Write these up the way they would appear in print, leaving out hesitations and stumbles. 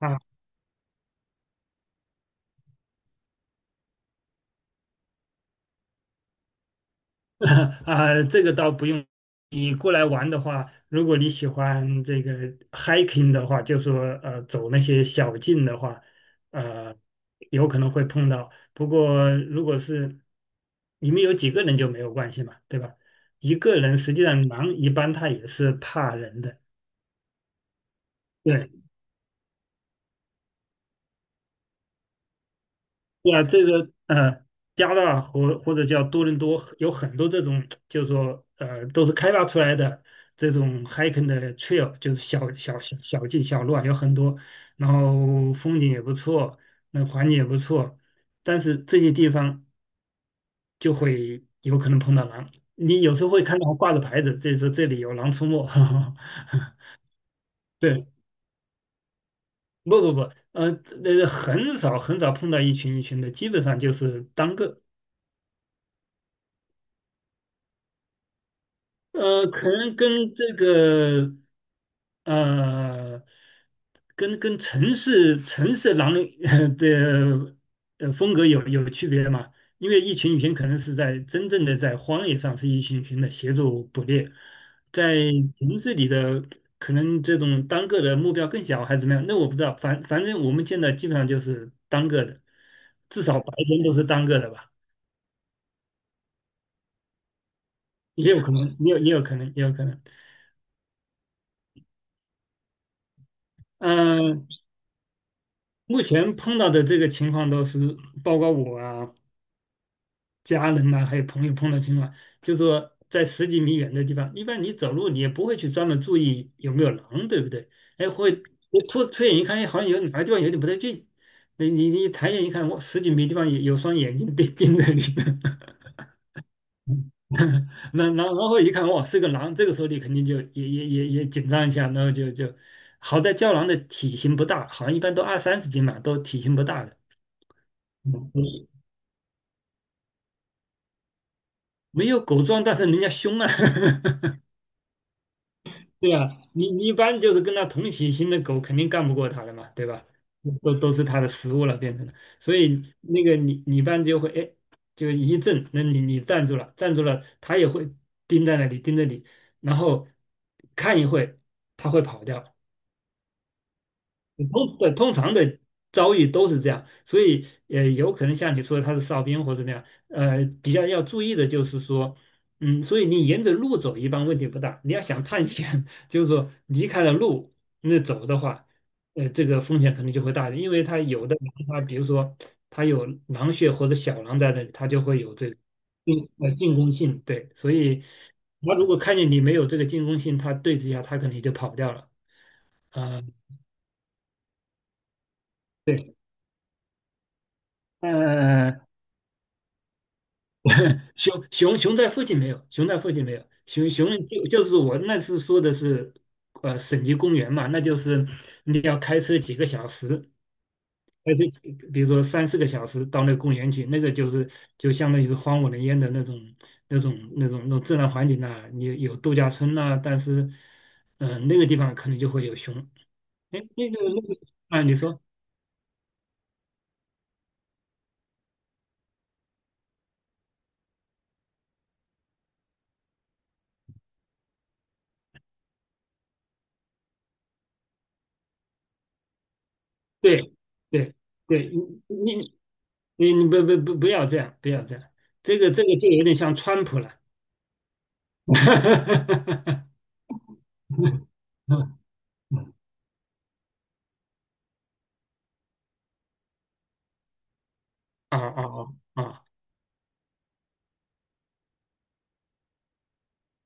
啊 啊，这个倒不用。你过来玩的话，如果你喜欢这个 hiking 的话，就说走那些小径的话，呃，有可能会碰到。不过如果是你们有几个人就没有关系嘛，对吧？一个人实际上狼一般他也是怕人的，对。对啊，这个加拿大或者叫多伦多有很多这种，就是说都是开发出来的这种 hiking 的 trail，就是小径小路啊，有很多，然后风景也不错，那环境也不错，但是这些地方就会有可能碰到狼，你有时候会看到挂着牌子，这说这里有狼出没。对。不不不，呃，那个很少很少碰到一群一群的，基本上就是单个。可能跟这个呃，跟城市狼人 的风格有区别嘛？因为一群一群可能是在真正的在荒野上是一群一群的协助捕猎，在城市里的可能这种单个的目标更小还是怎么样？那我不知道，反正我们见到基本上就是单个的，至少白天都是单个的吧，也有可能，也有可能，也有可能。嗯。目前碰到的这个情况都是，包括我啊、家人呐、还有朋友碰到情况，就说在十几米远的地方，一般你走路你也不会去专门注意有没有狼，对不对？哎，会突然一看，哎，好像有哪个地方有点不太对劲，你抬眼一看，哇，十几米地方有双眼睛盯 盯着你。那然后一看，哇，是个狼，这个时候你肯定就也紧张一下，然后就好在郊狼的体型不大，好像一般都二三十斤嘛，都体型不大的。嗯没有狗壮，但是人家凶啊。对啊，你一般就是跟它同体型的狗，肯定干不过它的嘛，对吧？都是它的食物了，变成了。所以那个你一般就会哎，就一震，那你站住了，站住了，它也会盯在那里盯着你，然后看一会，它会跑掉。通常的遭遇都是这样，所以有可能像你说的他是哨兵或者怎么样，比较要注意的就是说，所以你沿着路走一般问题不大，你要想探险，就是说离开了路那走的话，这个风险可能就会大一点，因为它有的狼它比如说它有狼穴或者小狼在那里，它就会有这个进攻性，对，所以它如果看见你没有这个进攻性，它对峙一下它可能就跑掉了，啊、对。嗯，熊在附近没有，熊在附近没有，熊就是我那次说的是，省级公园嘛，那就是你要开车几个小时，开车几比如说三四个小时到那个公园去，那个就相当于是荒无人烟的那种自然环境呐、你有度假村呐，但是，那个地方可能就会有熊。哎，那个啊，你说对对对，你你你不要这样，不要这样，这个就有点像川普了。啊啊啊啊！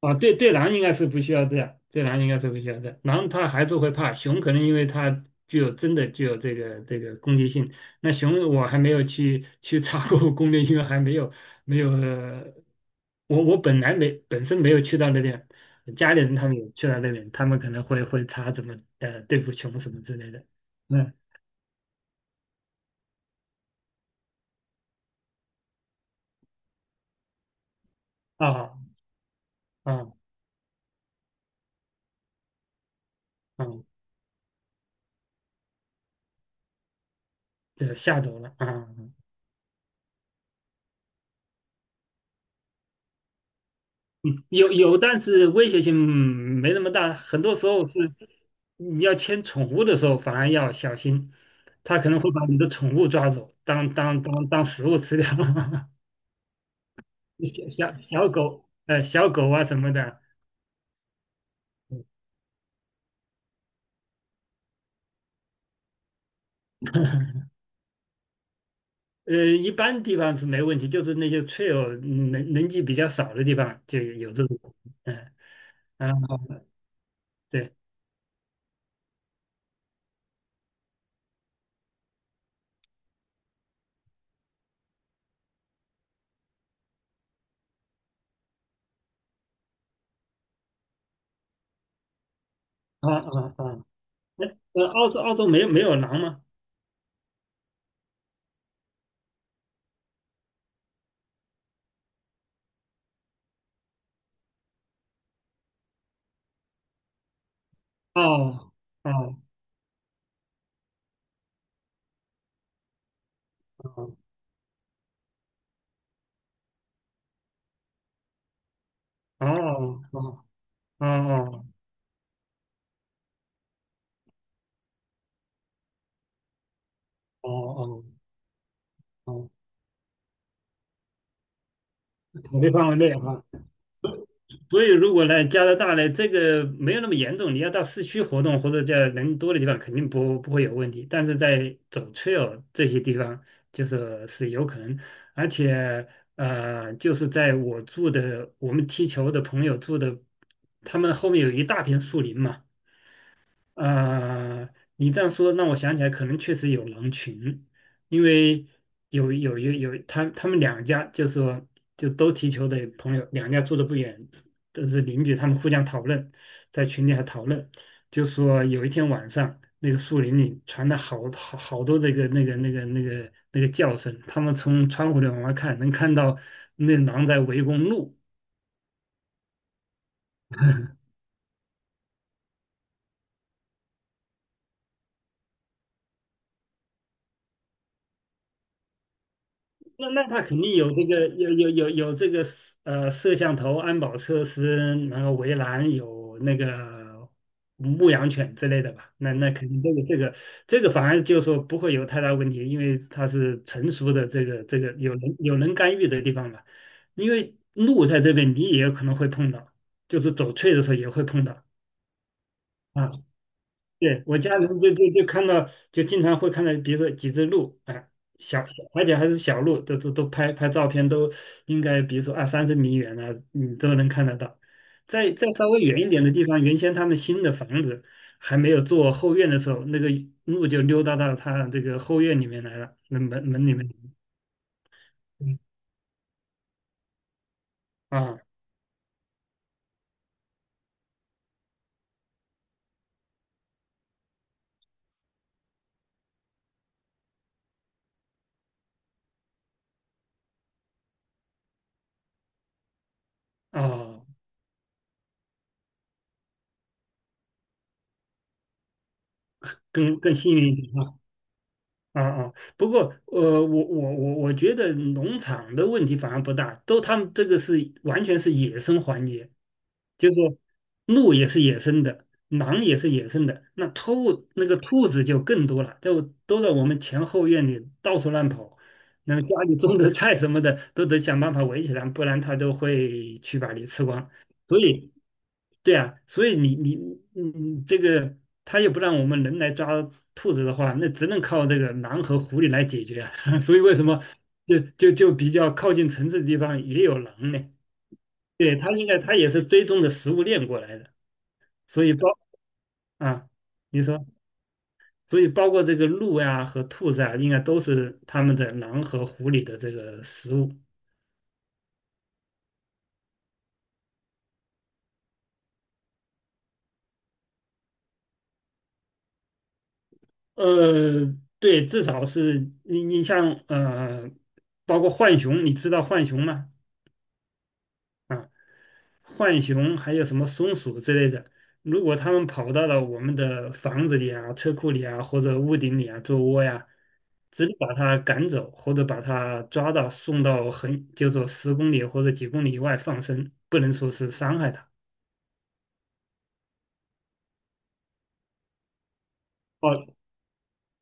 啊，对，对狼应该是不需要这样，对狼应该是不需要这样。狼它还是会怕，熊可能因为它真的具有这个攻击性。那熊我还没有去查过 攻略，因为还没有，我本来没本身没有去到那边，家里人他们也去到那边，他们可能会查怎么对付熊什么之类的。嗯，啊啊啊，这吓走了啊。啊 嗯，有有，但是威胁性没那么大。很多时候是你要牵宠物的时候，反而要小心，它可能会把你的宠物抓走，当食物吃掉。小小狗，小狗啊什么的，一般地方是没问题，就是那些脆弱、人迹比较少的地方就有这种，嗯、啊，对。啊啊啊，那澳洲没有狼吗？哦哦哦哦哦。哦哦哦哦哦，考虑范围内哈。所以如果来加拿大呢，这个没有那么严重，你要到市区活动或者在人多的地方，肯定不会有问题。但是在走 trail 这些地方，就是是有可能，而且就是在我住的我们踢球的朋友住的，他们后面有一大片树林嘛。呃，你这样说让我想起来，可能确实有狼群，因为有有有有，他们两家就是说就都踢球的朋友，两家住的不远，都是邻居，他们互相讨论，在群里还讨论，就说有一天晚上，那个树林里传来多那个叫声，他们从窗户里往外看，能看到那狼在围攻鹿。那他肯定有这个有有有有这个摄像头、安保措施，然后围栏有那个牧羊犬之类的吧？那肯定这个反而就是说不会有太大问题，因为它是成熟的这个有人干预的地方嘛。因为路在这边你也有可能会碰到，就是走翠的时候也会碰到啊。对，我家人就看到，就经常会看到，比如说几只鹿，哎，小小，而且还是小鹿，都拍拍照片，都应该比如说二三十米远啊，你都能看得到。再稍微远一点的地方，原先他们新的房子还没有做后院的时候，那个鹿就溜达到他这个后院里面来了，那门里面。嗯啊啊，更幸运一点啊啊，不过我觉得农场的问题反而不大，都他们这个是完全是野生环节，就是说鹿也是野生的，狼也是野生的，那个兔子就更多了，都在我们前后院里到处乱跑，那么家里种的菜什么的都得想办法围起来，不然它都会去把你吃光。所以对啊，所以你这个他又不让我们人来抓兔子的话，那只能靠这个狼和狐狸来解决啊。所以为什么就就就比较靠近城市的地方也有狼呢？对，它应该它也是追踪的食物链过来的，所以啊，你说，所以包括这个鹿呀和兔子啊，应该都是他们的狼和狐狸的这个食物。呃，对，至少是你像包括浣熊，你知道浣熊吗？啊，浣熊还有什么松鼠之类的，如果它们跑到了我们的房子里啊、车库里啊或者屋顶里啊做窝呀，直接把它赶走，或者把它抓到送到很，就说10公里或者几公里以外放生，不能说是伤害它。哦，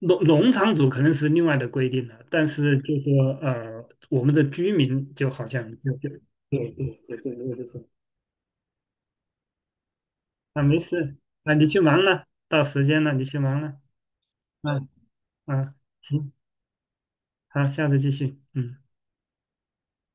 农场主可能是另外的规定了，但是就说我们的居民就好像就对对对对，我就是啊，没事啊，你去忙了，到时间了，你去忙了，嗯、啊嗯、行，好，下次继续，嗯。